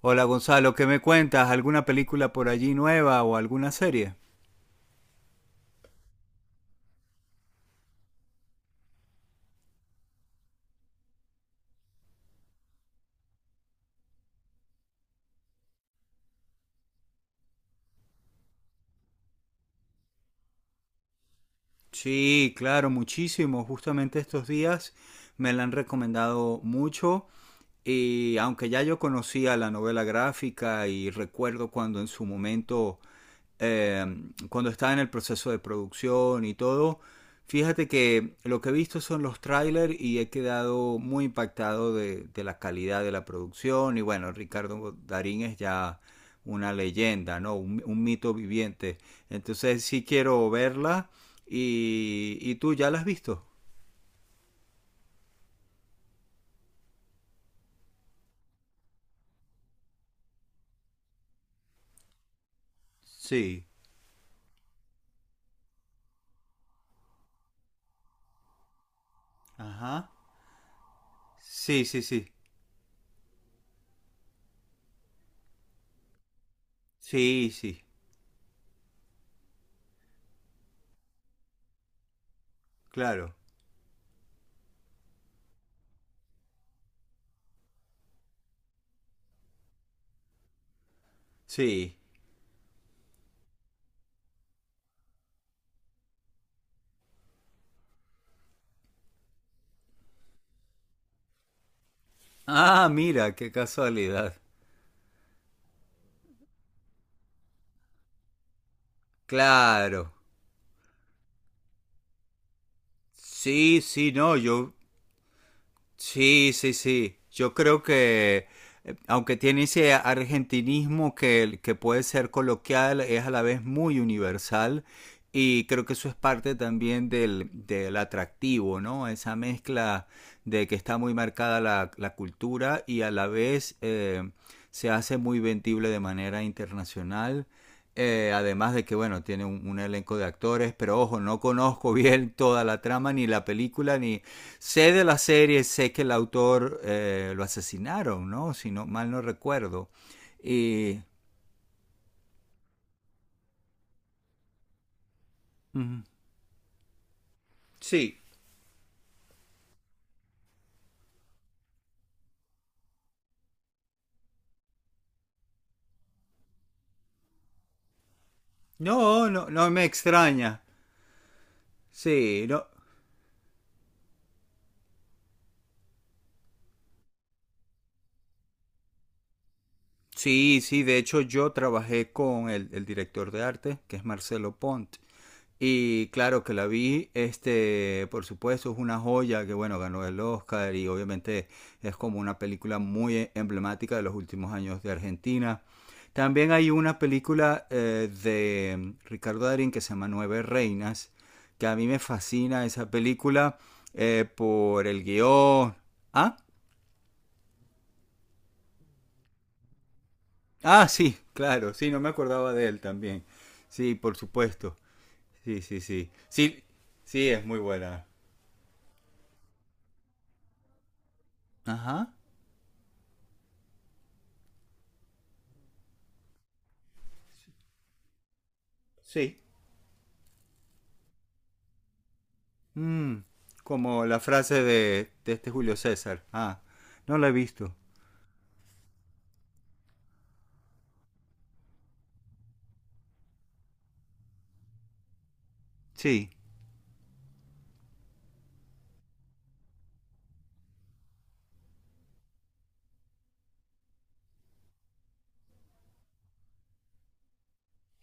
Hola Gonzalo, ¿qué me cuentas? ¿Alguna película por allí nueva o alguna serie? Sí, claro, muchísimo. Justamente estos días me la han recomendado mucho y aunque ya yo conocía la novela gráfica y recuerdo cuando en su momento eh, cuando está en el proceso de producción y todo, fíjate que lo que he visto son los trailers y he quedado muy impactado de la calidad de la producción. Y bueno, Ricardo Darín es ya una leyenda, ¿no? Un mito viviente. Entonces sí quiero verla. Y tú ya la has visto. Sí. Ajá. Sí, sí, sí. Sí, sí. Claro. Sí. Ah, mira, qué casualidad. Claro. Sí, sí, no, yo. Sí, sí, sí. Yo creo que, aunque tiene ese argentinismo que puede ser coloquial, es a la vez muy universal y creo que eso es parte también del atractivo, ¿no? Esa mezcla de que está muy marcada la cultura y a la vez se hace muy vendible de manera internacional. Además de que, bueno, tiene un elenco de actores, pero ojo, no conozco bien toda la trama, ni la película, ni, sé de la serie, sé que el autor lo asesinaron, ¿no? Si no, mal no recuerdo. Y... mm, sí. No, no, no me extraña. Sí, no. Sí, sí, de hecho yo trabajé con el director de arte, que es Marcelo Pont, y claro que la vi, este, por supuesto, es una joya que bueno, ganó el Oscar y obviamente es como una película muy emblemática de los últimos años de Argentina. También hay una película de Ricardo Darín que se llama Nueve Reinas, que a mí me fascina esa película por el guión. ¿Ah? Ah, sí, claro, sí, no me acordaba de él también. Sí, por supuesto. Sí, sí, sí. Sí, sí, es muy buena. Ajá. Sí. Mm, como la frase de este Julio César. Ah, no la he visto. Sí.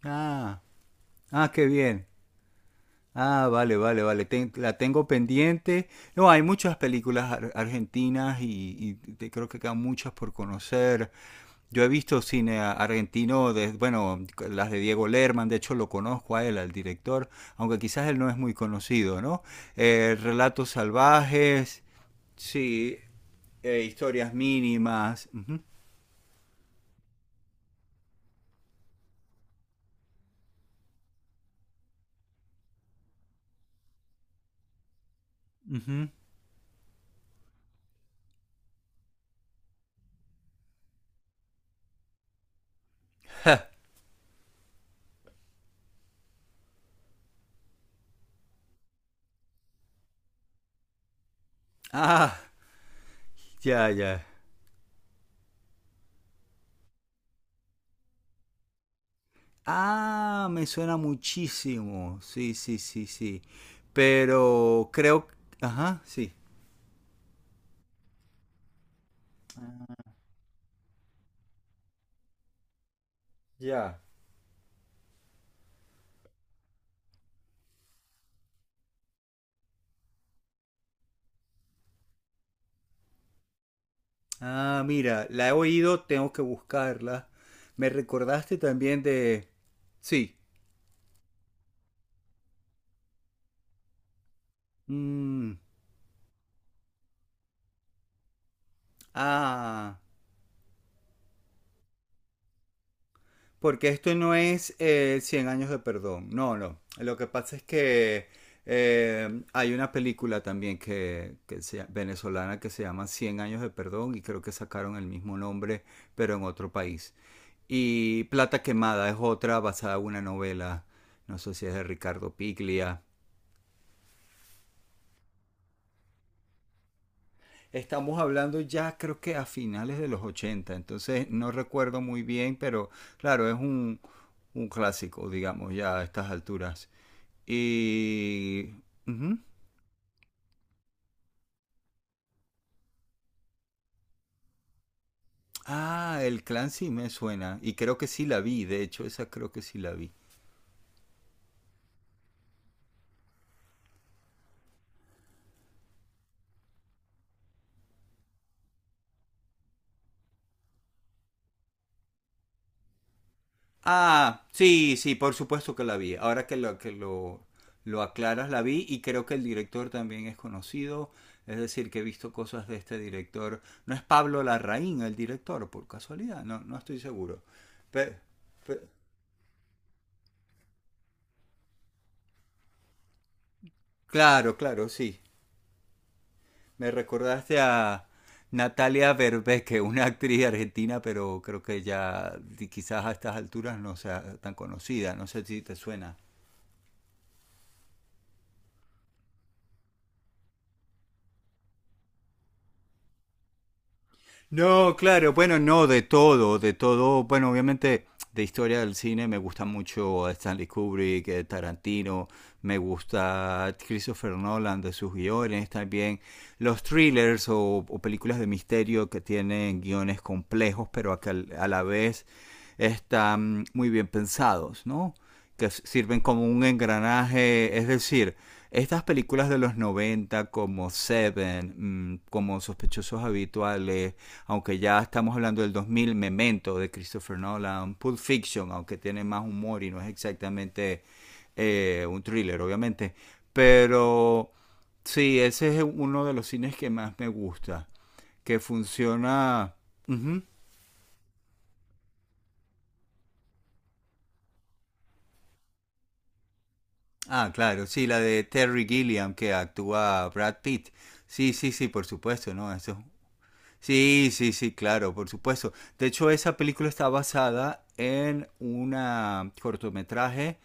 Ah, ah, qué bien. Ah, vale, vale, vale. La tengo pendiente. No, hay muchas películas argentinas y creo que quedan muchas por conocer. Yo he visto cine argentino, de, bueno, las de Diego Lerman, de hecho lo conozco a él, al director, aunque quizás él no es muy conocido, ¿no? Relatos salvajes, sí, historias mínimas. Uh -huh, uh -huh. Ah, ya, ya. Ah, me suena muchísimo, sí, sí, sí, sí. Pero creo, ajá, sí, ya. Ah, mira, la he oído, tengo que buscarla. Me recordaste también de... Sí. Mm, ah, porque esto no es 100 años de perdón. No, no. Lo que pasa es que hay una película también que venezolana que se llama 100 años de perdón y creo que sacaron el mismo nombre, pero en otro país. Y Plata Quemada es otra basada en una novela, no sé si es de Ricardo Piglia. Estamos hablando ya creo que a finales de los 80 entonces no recuerdo muy bien, pero claro, es un clásico, digamos, ya a estas alturas. Y... ujú. Ah, el clan sí me suena, y creo que sí la vi, de hecho, esa creo que sí la vi. Ah, sí, sí, por supuesto que la vi. Ahora lo aclaras, la vi y creo que el director también es conocido. Es decir, que he visto cosas de este director. No es Pablo Larraín el director, por casualidad, no, no estoy seguro. Pe- pe- claro, claro, sí. Me recordaste a Natalia Berbeque, una actriz argentina, pero creo que ya quizás a estas alturas no sea tan conocida. No sé si te suena. No, claro, bueno, no, de todo, de todo. Bueno, obviamente de historia del cine me gusta mucho Stanley Kubrick, Tarantino, me gusta Christopher Nolan de sus guiones también. Los thrillers o películas de misterio que tienen guiones complejos, pero que a la vez están muy bien pensados, ¿no? Que sirven como un engranaje, es decir, estas películas de los 90 como Seven, como Sospechosos Habituales, aunque ya estamos hablando del 2000, Memento de Christopher Nolan, Pulp Fiction, aunque tiene más humor y no es exactamente un thriller, obviamente, pero sí, ese es uno de los cines que más me gusta, que funciona... Ujú. Ah, claro, sí, la de Terry Gilliam que actúa Brad Pitt. Sí, sí, sí, por supuesto, ¿no? Eso. Sí, sí, sí, claro, por supuesto. De hecho, esa película está basada en una cortometraje,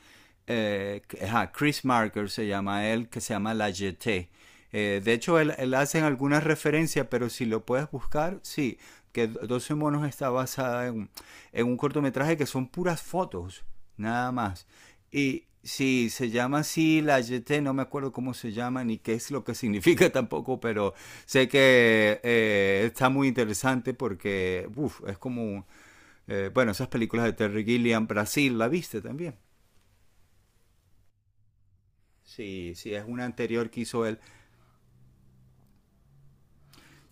ajá, Chris Marker se llama él, que se llama La Jetée. De hecho, él hace alguna referencia, pero si lo puedes buscar, sí, que 12 monos está basada en un cortometraje que son puras fotos, nada más. Y sí, se llama así la YT, no me acuerdo cómo se llama ni qué es lo que significa tampoco, pero sé que está muy interesante porque, uf, es como, bueno, esas películas de Terry Gilliam, Brasil, ¿la viste también? Sí, sí, es una anterior que hizo él.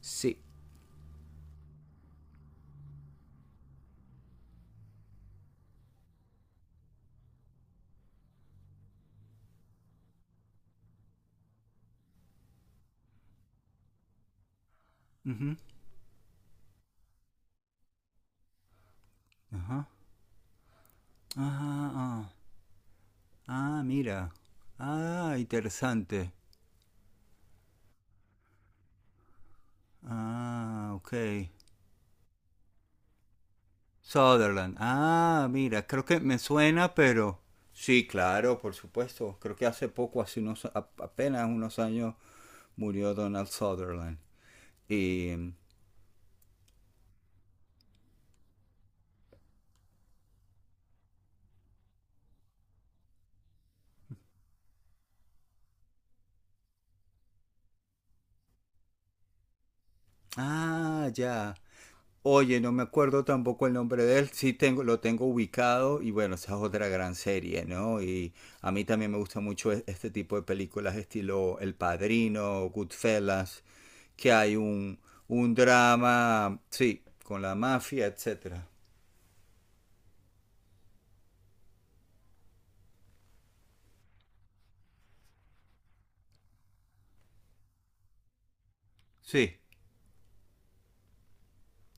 Sí. Ujú. Ajá. Ah, ah, ah. Ah, mira. Ah, interesante. Ah, ok. Sutherland. Ah, mira, creo que me suena, pero sí, claro, por supuesto. Creo que hace poco, hace unos apenas unos años murió Donald Sutherland. Y ah, ya. Oye, no me acuerdo tampoco el nombre de él. Sí tengo, lo tengo ubicado y bueno, esa es otra gran serie, ¿no? Y a mí también me gusta mucho este tipo de películas estilo El Padrino, Goodfellas, que hay un drama, sí, con la mafia, etcétera. Sí,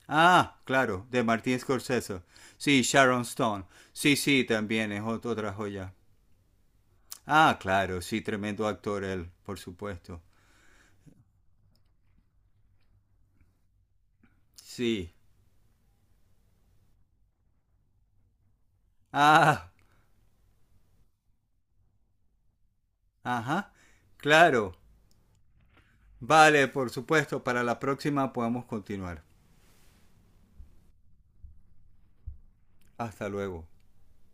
ah, claro, de Martín Scorsese. Sí, Sharon Stone. Sí, sí, también es otra joya. Ah, claro, sí, tremendo actor él, por supuesto. Sí. Ah, ajá. Claro. Vale, por supuesto, para la próxima podemos continuar. Hasta luego.